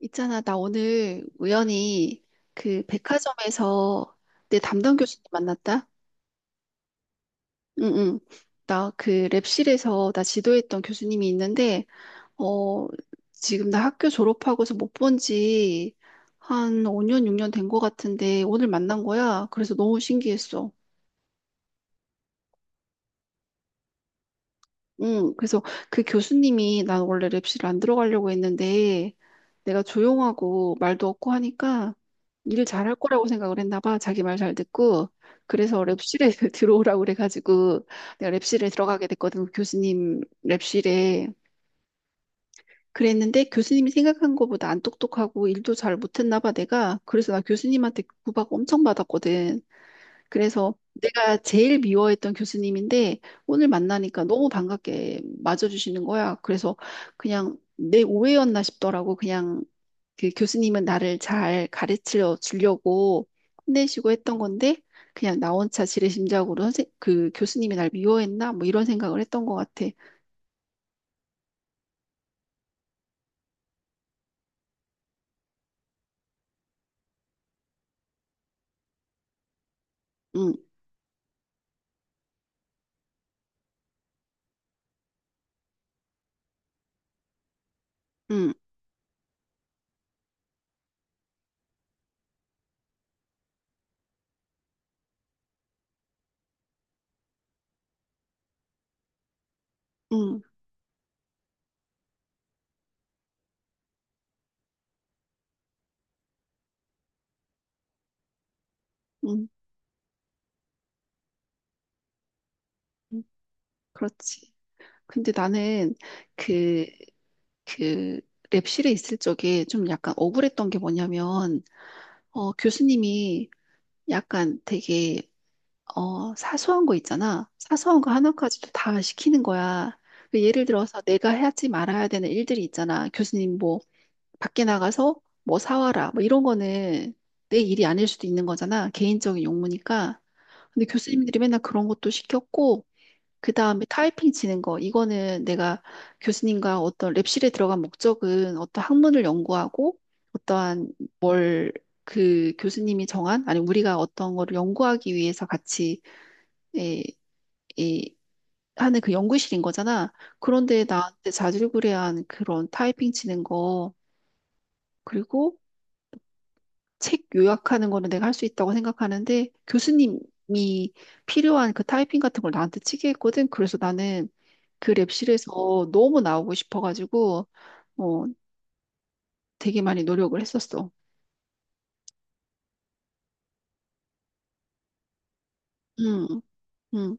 있잖아, 나 오늘 우연히 그 백화점에서 내 담당 교수님 만났다? 응, 응. 나 그 랩실에서 나 지도했던 교수님이 있는데, 어, 지금 나 학교 졸업하고서 못 본지 한 5년, 6년 된 것 같은데 오늘 만난 거야. 그래서 너무 신기했어. 응, 그래서 그 교수님이 난 원래 랩실을 안 들어가려고 했는데 내가 조용하고 말도 없고 하니까 일 잘할 거라고 생각을 했나 봐. 자기 말 잘 듣고. 그래서 랩실에 들어오라고 그래가지고 내가 랩실에 들어가게 됐거든. 그 교수님 랩실에. 그랬는데 교수님이 생각한 것보다 안 똑똑하고 일도 잘 못했나 봐, 내가. 그래서 나 교수님한테 구박 엄청 받았거든. 그래서 내가 제일 미워했던 교수님인데 오늘 만나니까 너무 반갑게 맞아주시는 거야. 그래서 그냥 내 오해였나 싶더라고. 그냥 그 교수님은 나를 잘 가르쳐 주려고 혼내시고 했던 건데 그냥 나 혼자 지레심작으로 선생 그 교수님이 날 미워했나 뭐 이런 생각을 했던 것 같아. 응, 응, 응, 응, 응, 그렇지. 근데 나는 그, 그 랩실에 있을 적에 좀 약간 억울했던 게 뭐냐면 교수님이 약간 되게, 사소한 거 있잖아. 사소한 거 하나까지도 다 시키는 거야. 그 예를 들어서 내가 하지 말아야 되는 일들이 있잖아. 교수님 뭐, 밖에 나가서 뭐 사와라. 뭐 이런 거는 내 일이 아닐 수도 있는 거잖아. 개인적인 용무니까. 근데 교수님들이 맨날 그런 것도 시켰고, 그 다음에 타이핑 치는 거. 이거는 내가 교수님과 어떤 랩실에 들어간 목적은 어떤 학문을 연구하고 어떠한 뭘 그 교수님이 정한, 아니 우리가 어떤 거를 연구하기 위해서 같이 에, 에, 하는 그 연구실인 거잖아. 그런데 나한테 자질구레한 그런 타이핑 치는 거, 그리고 책 요약하는 거는 내가 할 수 있다고 생각하는데 교수님이 필요한 그 타이핑 같은 걸 나한테 치게 했거든. 그래서 나는 그 랩실에서 너무 나오고 싶어가지고 어 되게 많이 노력을 했었어. 음, 음,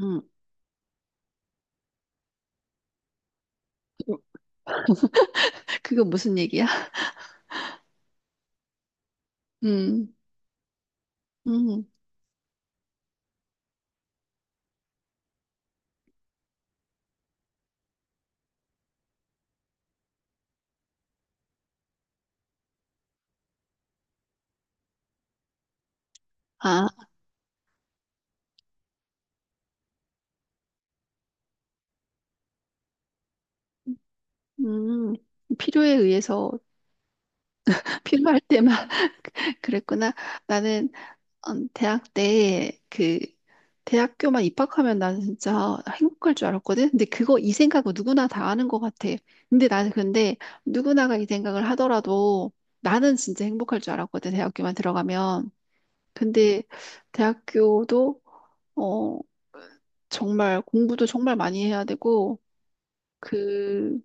음. 그거 무슨 얘기야? 음, 음. 아, 음. 필요에 의해서 필요할 때만 그랬구나. 나는 대학 때 대학교만 입학하면 나는 진짜 행복할 줄 알았거든. 근데 그거 이 생각은 누구나 다 하는 것 같아. 근데 나는 근데 누구나가 이 생각을 하더라도 나는 진짜 행복할 줄 알았거든. 대학교만 들어가면. 근데 대학교도 어 정말 공부도 정말 많이 해야 되고 그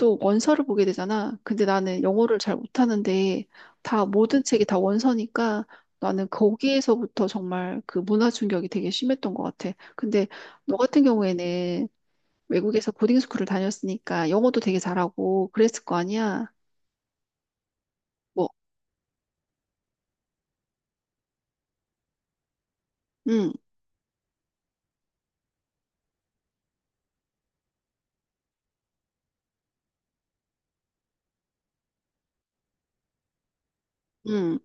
또 원서를 보게 되잖아. 근데 나는 영어를 잘 못하는데 다 모든 책이 다 원서니까 나는 거기에서부터 정말 그 문화 충격이 되게 심했던 것 같아. 근데 너 같은 경우에는 외국에서 보딩 스쿨을 다녔으니까 영어도 되게 잘하고 그랬을 거 아니야? 뭐, 응, 응,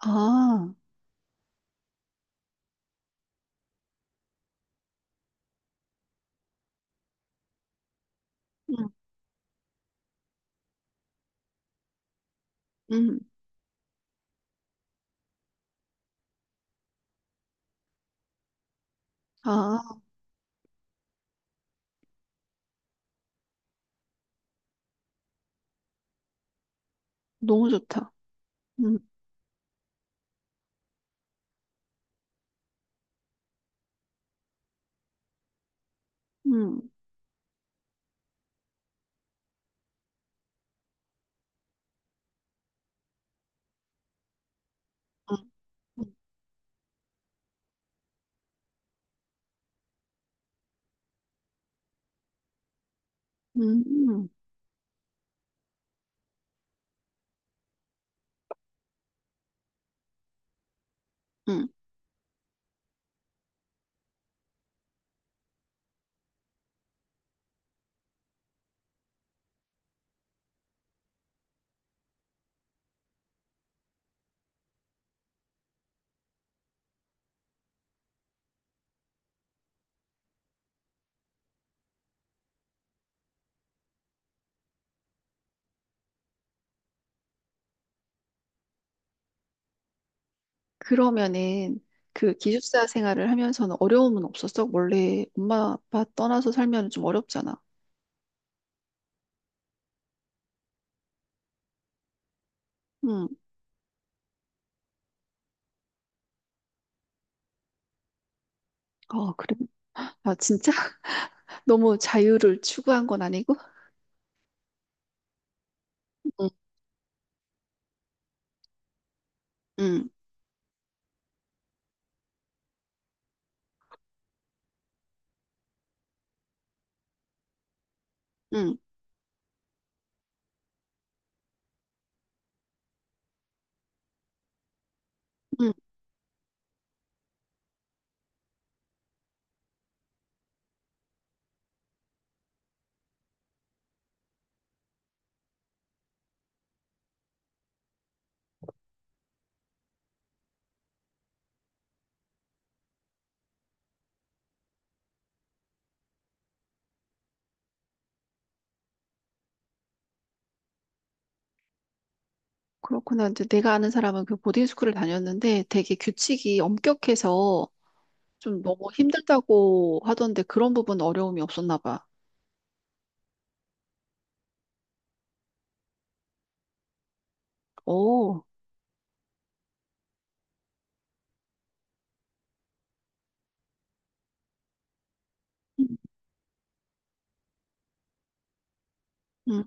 아, 응, 응, 아, 너무 좋다. 응, 응. 음, 음. 음. 그러면은 그 기숙사 생활을 하면서는 어려움은 없었어? 원래 엄마 아빠 떠나서 살면 좀 어렵잖아. 음, 아, 그래. 아, 진짜? 너무 자유를 추구한 건 아니고? 응, 응, 응, 응. 그렇구나. 이제 내가 아는 사람은 그 보딩스쿨을 다녔는데 되게 규칙이 엄격해서 좀 너무 힘들다고 하던데 그런 부분 어려움이 없었나 봐. 오, 응,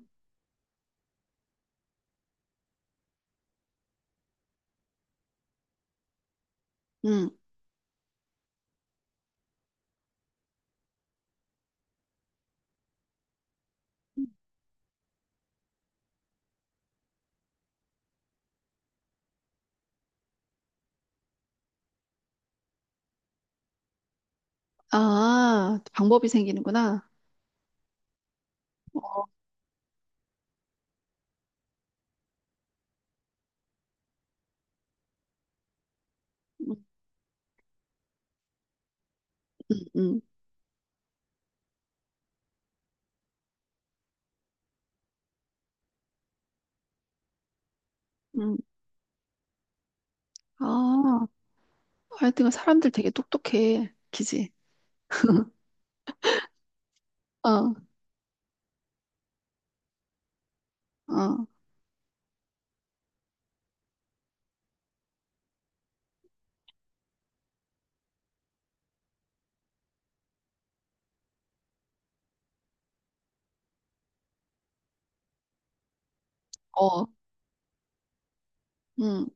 응. 아, 방법이 생기는구나. 음, 음, 음. 아, 하여튼 사람들 되게 똑똑해. 그지? 어, 어, 어, 음.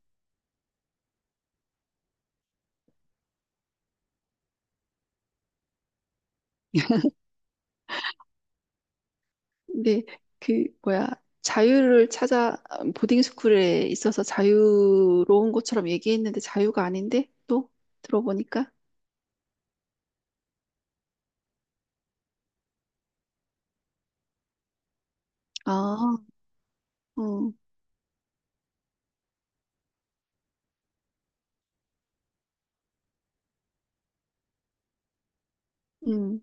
근데 그 뭐야 자유를 찾아 보딩 스쿨에 있어서 자유로운 것처럼 얘기했는데 자유가 아닌데 또 들어보니까 아, 음, 음,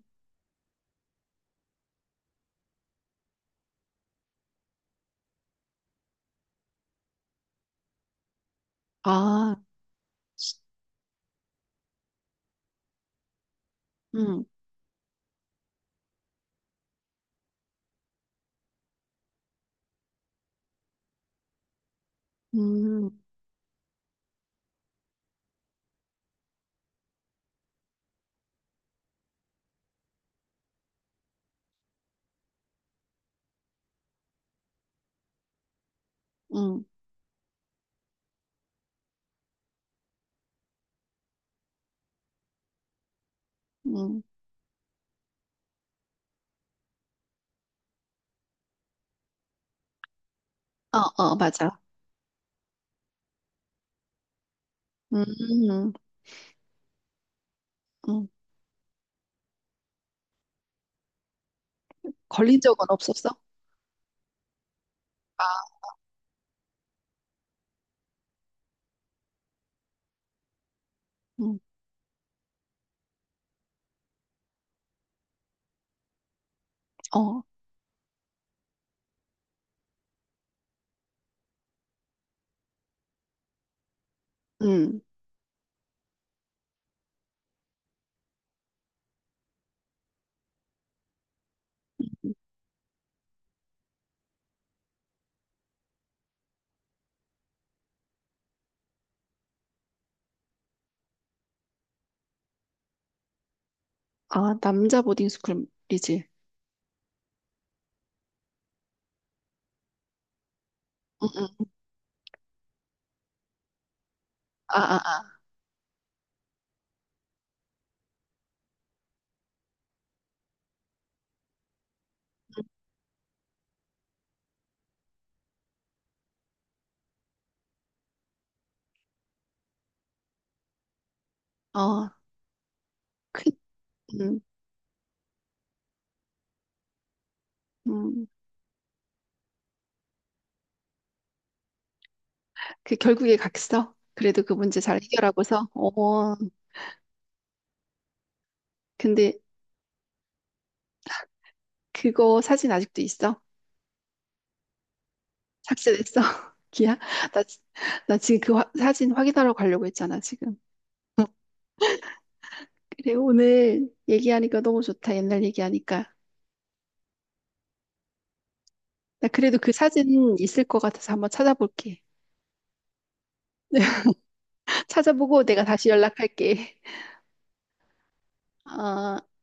아, 음, 음, 음, 음, 어, 어, 맞아, 음, 음, 음. 걸린 적은 없었어? 아, 음, 어, 음. 아, 남자 보딩 스쿨이지. 응, 응. 아, 아, 아. 어, 그, 음, 음. 그 결국에 갔어. 그래도 그 문제 잘 해결하고서. 어, 근데 그거 사진 아직도 있어? 삭제됐어? 기야? 나, 지- 나 지금 사진 확인하러 가려고 했잖아, 지금. 그래, 오늘 얘기하니까 너무 좋다. 옛날 얘기하니까. 나 그래도 그 사진 있을 것 같아서 한번 찾아볼게. 찾아보고 내가 다시 연락할게. 아